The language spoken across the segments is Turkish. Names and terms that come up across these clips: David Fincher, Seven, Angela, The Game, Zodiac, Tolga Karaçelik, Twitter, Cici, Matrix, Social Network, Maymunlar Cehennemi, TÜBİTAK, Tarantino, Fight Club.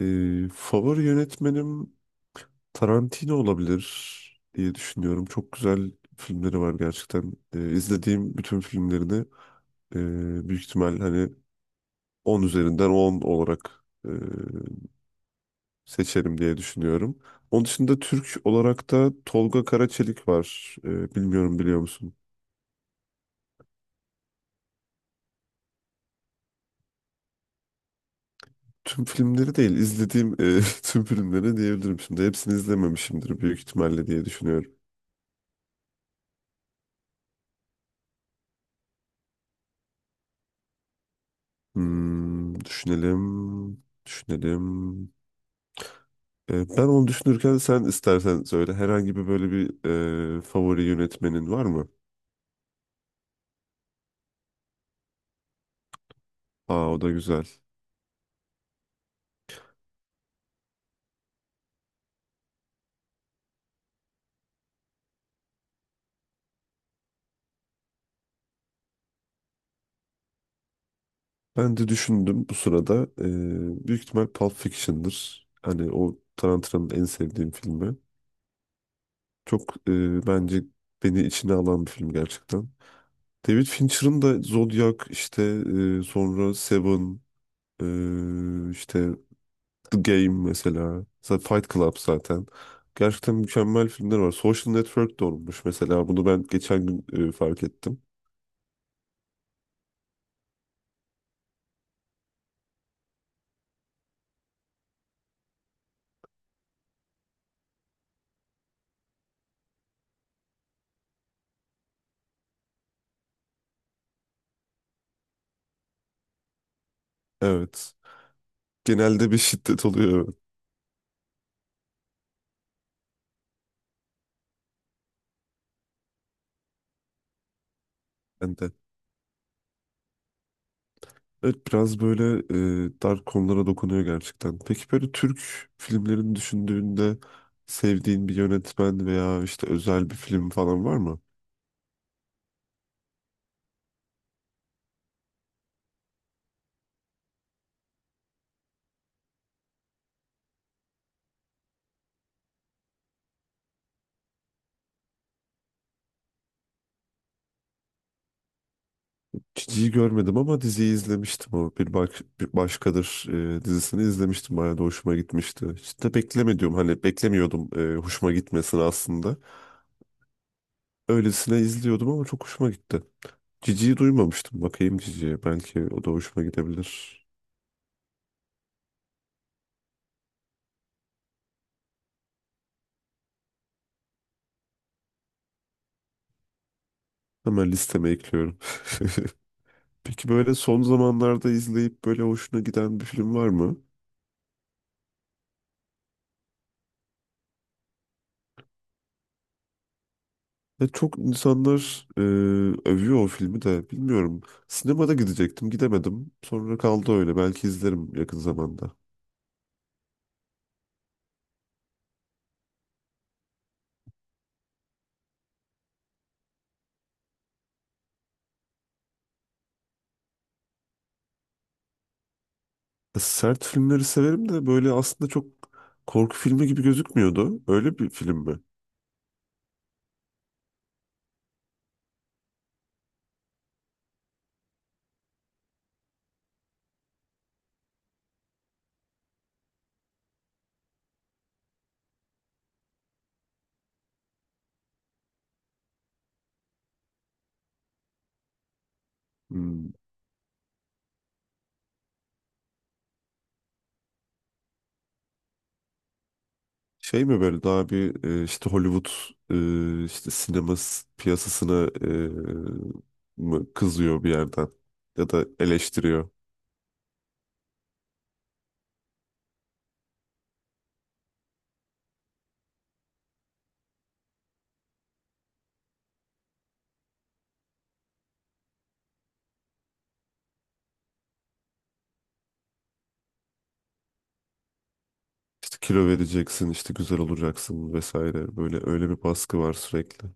Favori yönetmenim Tarantino olabilir diye düşünüyorum. Çok güzel filmleri var gerçekten. İzlediğim bütün filmlerini büyük ihtimal hani 10 üzerinden 10 olarak seçerim diye düşünüyorum. Onun dışında Türk olarak da Tolga Karaçelik var. Bilmiyorum biliyor musun? Tüm filmleri değil, izlediğim tüm filmleri diyebilirim şimdi. Hepsini izlememişimdir büyük ihtimalle diye düşünüyorum. Düşünelim, düşünelim. Ben onu düşünürken sen istersen söyle. Herhangi bir böyle bir favori yönetmenin var mı? Aa, o da güzel. Ben de düşündüm bu sırada. Büyük ihtimal Pulp Fiction'dır. Hani o Tarantino'nun en sevdiğim filmi. Çok bence beni içine alan bir film gerçekten. David Fincher'ın da Zodiac işte sonra Seven işte The Game mesela. Zaten Fight Club zaten. Gerçekten mükemmel filmler var. Social Network de olmuş mesela. Bunu ben geçen gün fark ettim. Evet. Genelde bir şiddet oluyor, evet, bende. Evet, biraz böyle dar konulara dokunuyor gerçekten. Peki böyle Türk filmlerini düşündüğünde sevdiğin bir yönetmen veya işte özel bir film falan var mı? Diziyi görmedim ama diziyi izlemiştim o. Bir, bak, bir Başkadır dizisini izlemiştim. Bayağı da hoşuma gitmişti. Hiç de beklemediğim, hani beklemiyordum hoşuma gitmesini aslında. Öylesine izliyordum ama çok hoşuma gitti. Cici'yi duymamıştım. Bakayım Cici'ye. Belki o da hoşuma gidebilir. Hemen listeme ekliyorum. Peki böyle son zamanlarda izleyip böyle hoşuna giden bir film var mı? Ve çok insanlar övüyor o filmi de, bilmiyorum. Sinemada gidecektim, gidemedim. Sonra kaldı öyle, belki izlerim yakın zamanda. Sert filmleri severim de böyle aslında çok korku filmi gibi gözükmüyordu. Öyle bir film mi? Hmm. Şey mi, böyle daha bir işte Hollywood işte sinema piyasasına mı kızıyor bir yerden, ya da eleştiriyor? İşte kilo vereceksin, işte güzel olacaksın vesaire. Böyle öyle bir baskı var sürekli.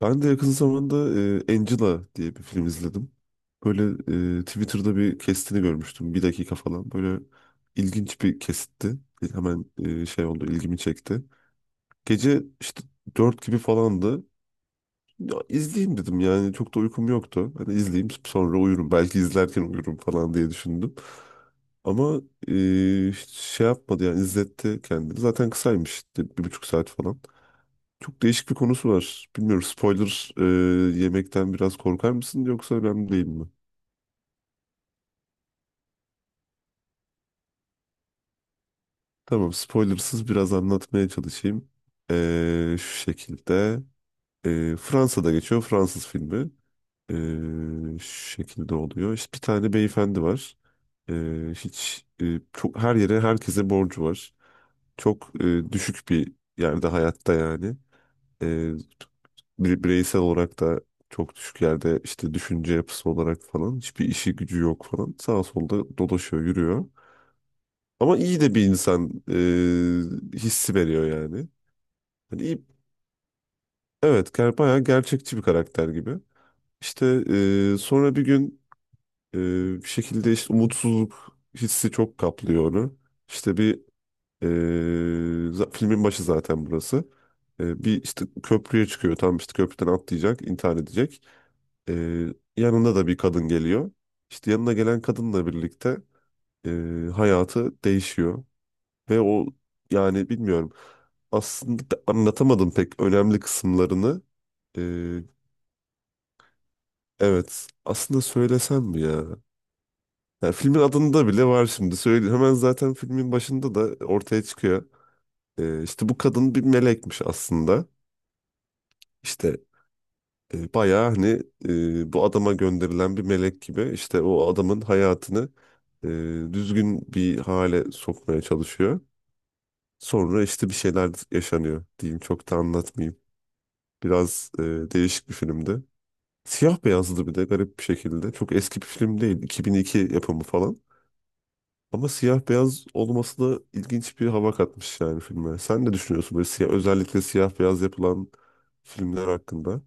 Ben de yakın zamanda Angela diye bir film izledim. Böyle Twitter'da bir kestini görmüştüm. Bir dakika falan. Böyle ilginç bir kesitti. Hemen şey oldu, ilgimi çekti. Gece işte 4 gibi falandı. Ya, izleyeyim dedim, yani çok da uykum yoktu. Hani izleyeyim, sonra uyurum. Belki izlerken uyurum falan diye düşündüm. Ama e, hiç şey yapmadı, yani izletti kendini. Zaten kısaymış, işte 1,5 saat falan. Çok değişik bir konusu var. Bilmiyorum, spoiler yemekten biraz korkar mısın, yoksa önemli değil mi? Tamam, spoilersız biraz anlatmaya çalışayım. Şu şekilde Fransa'da geçiyor, Fransız filmi. E, şu şekilde oluyor. İşte bir tane beyefendi var. E, hiç çok her yere, herkese borcu var. Çok düşük bir yerde hayatta, yani. E, bireysel olarak da çok düşük yerde, işte düşünce yapısı olarak falan, hiçbir işi gücü yok falan, sağa solda dolaşıyor, yürüyor. Ama iyi de bir insan hissi veriyor yani. Hani iyi, evet, bayağı gerçekçi bir karakter gibi. İşte sonra bir gün e, bir şekilde işte umutsuzluk hissi çok kaplıyor onu. İşte e, filmin başı zaten burası. Bir işte köprüye çıkıyor. Tam işte köprüden atlayacak, intihar edecek. Ee, yanında da bir kadın geliyor. İşte yanına gelen kadınla birlikte e, hayatı değişiyor. Ve o, yani bilmiyorum. Aslında da anlatamadım pek önemli kısımlarını. Ee, evet, aslında söylesem mi ya? Yani filmin adında bile var şimdi. Söyle, hemen zaten filmin başında da ortaya çıkıyor. İşte bu kadın bir melekmiş aslında. İşte bayağı hani bu adama gönderilen bir melek gibi, işte o adamın hayatını e, düzgün bir hale sokmaya çalışıyor. Sonra işte bir şeyler yaşanıyor diyeyim, çok da anlatmayayım. Biraz değişik bir filmdi. Siyah beyazdı bir de, garip bir şekilde. Çok eski bir film değil, 2002 yapımı falan. Ama siyah beyaz olması da ilginç bir hava katmış yani filme. Sen ne düşünüyorsun böyle siyah, özellikle siyah beyaz yapılan filmler hakkında?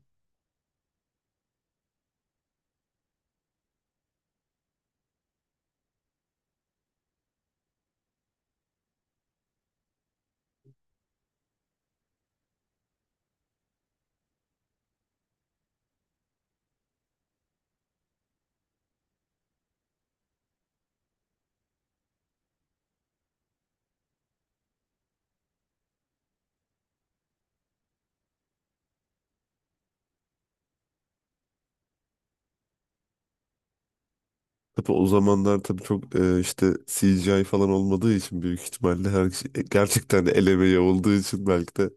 Tabii o zamanlar, tabii çok işte CGI falan olmadığı için, büyük ihtimalle her şey gerçekten el emeği olduğu için, belki de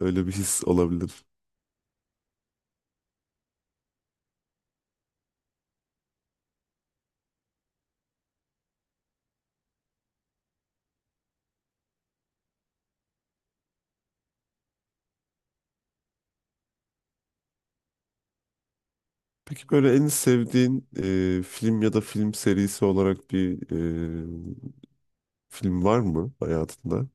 öyle bir his olabilir. Peki böyle en sevdiğin film ya da film serisi olarak bir e, film var mı hayatında?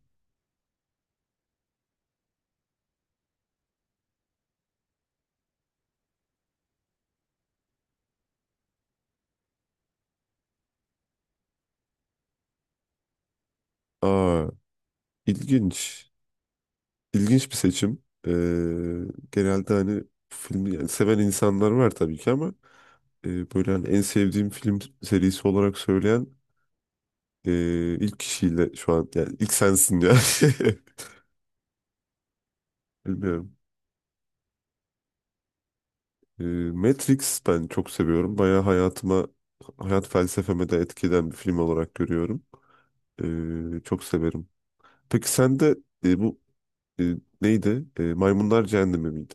Aa, ilginç. İlginç bir seçim. Genelde hani filmi yani seven insanlar var tabii ki, ama e, böyle hani en sevdiğim film serisi olarak söyleyen ilk kişiyle şu an, yani ilk sensin ya. Bilmiyorum. Ee, Matrix ben çok seviyorum. Bayağı hayatıma, hayat felsefeme de etkilen bir film olarak görüyorum. Çok severim. Peki sen de bu e, neydi? Maymunlar Cehennemi miydi?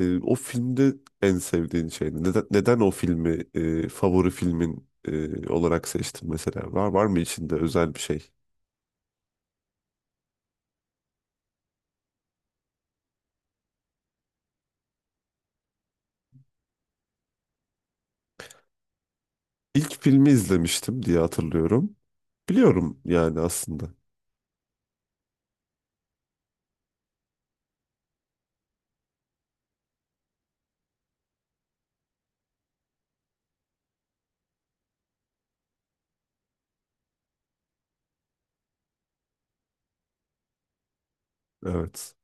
O filmde en sevdiğin şey ne? Neden o filmi favori filmin olarak seçtin mesela? Var mı içinde özel bir şey? İlk filmi izlemiştim diye hatırlıyorum. Biliyorum yani aslında. Evet.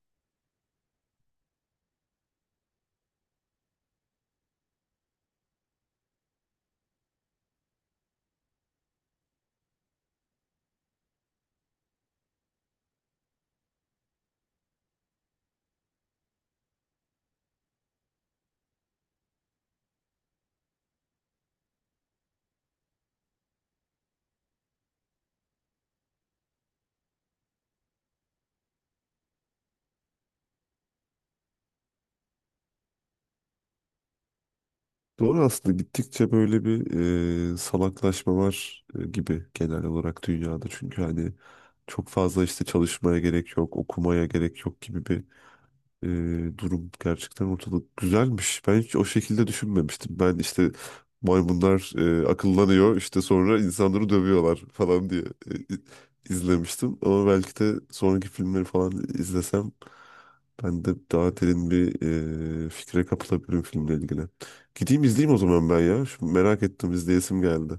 Doğru, aslında gittikçe böyle bir salaklaşma var gibi, genel olarak dünyada. Çünkü hani çok fazla işte çalışmaya gerek yok, okumaya gerek yok gibi bir e, durum. Gerçekten ortalık güzelmiş. Ben hiç o şekilde düşünmemiştim. Ben işte maymunlar akıllanıyor, işte sonra insanları dövüyorlar falan diye e, i- izlemiştim. Ama belki de sonraki filmleri falan izlesem, ben de daha derin bir fikre kapılabilirim filmle ilgili. Gideyim izleyeyim o zaman ben ya. Şu merak ettim, izleyesim geldi.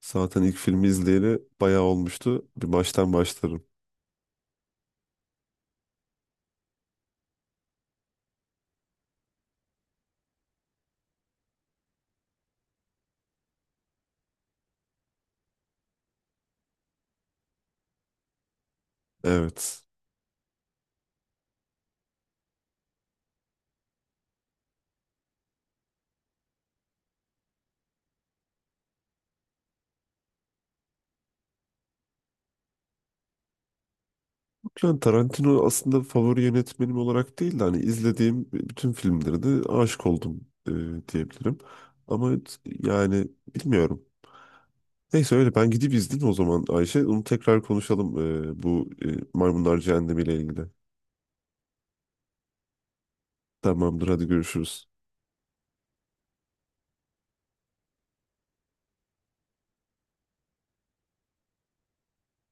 Zaten ilk filmi izleyeli bayağı olmuştu. Bir baştan başlarım. Evet. Yani Tarantino aslında favori yönetmenim olarak değil de, hani izlediğim bütün filmlere de aşık oldum diyebilirim. Ama yani bilmiyorum. Neyse, öyle ben gidip izledim o zaman Ayşe. Onu tekrar konuşalım bu Maymunlar Cehennemi ile ilgili. Tamamdır, hadi görüşürüz.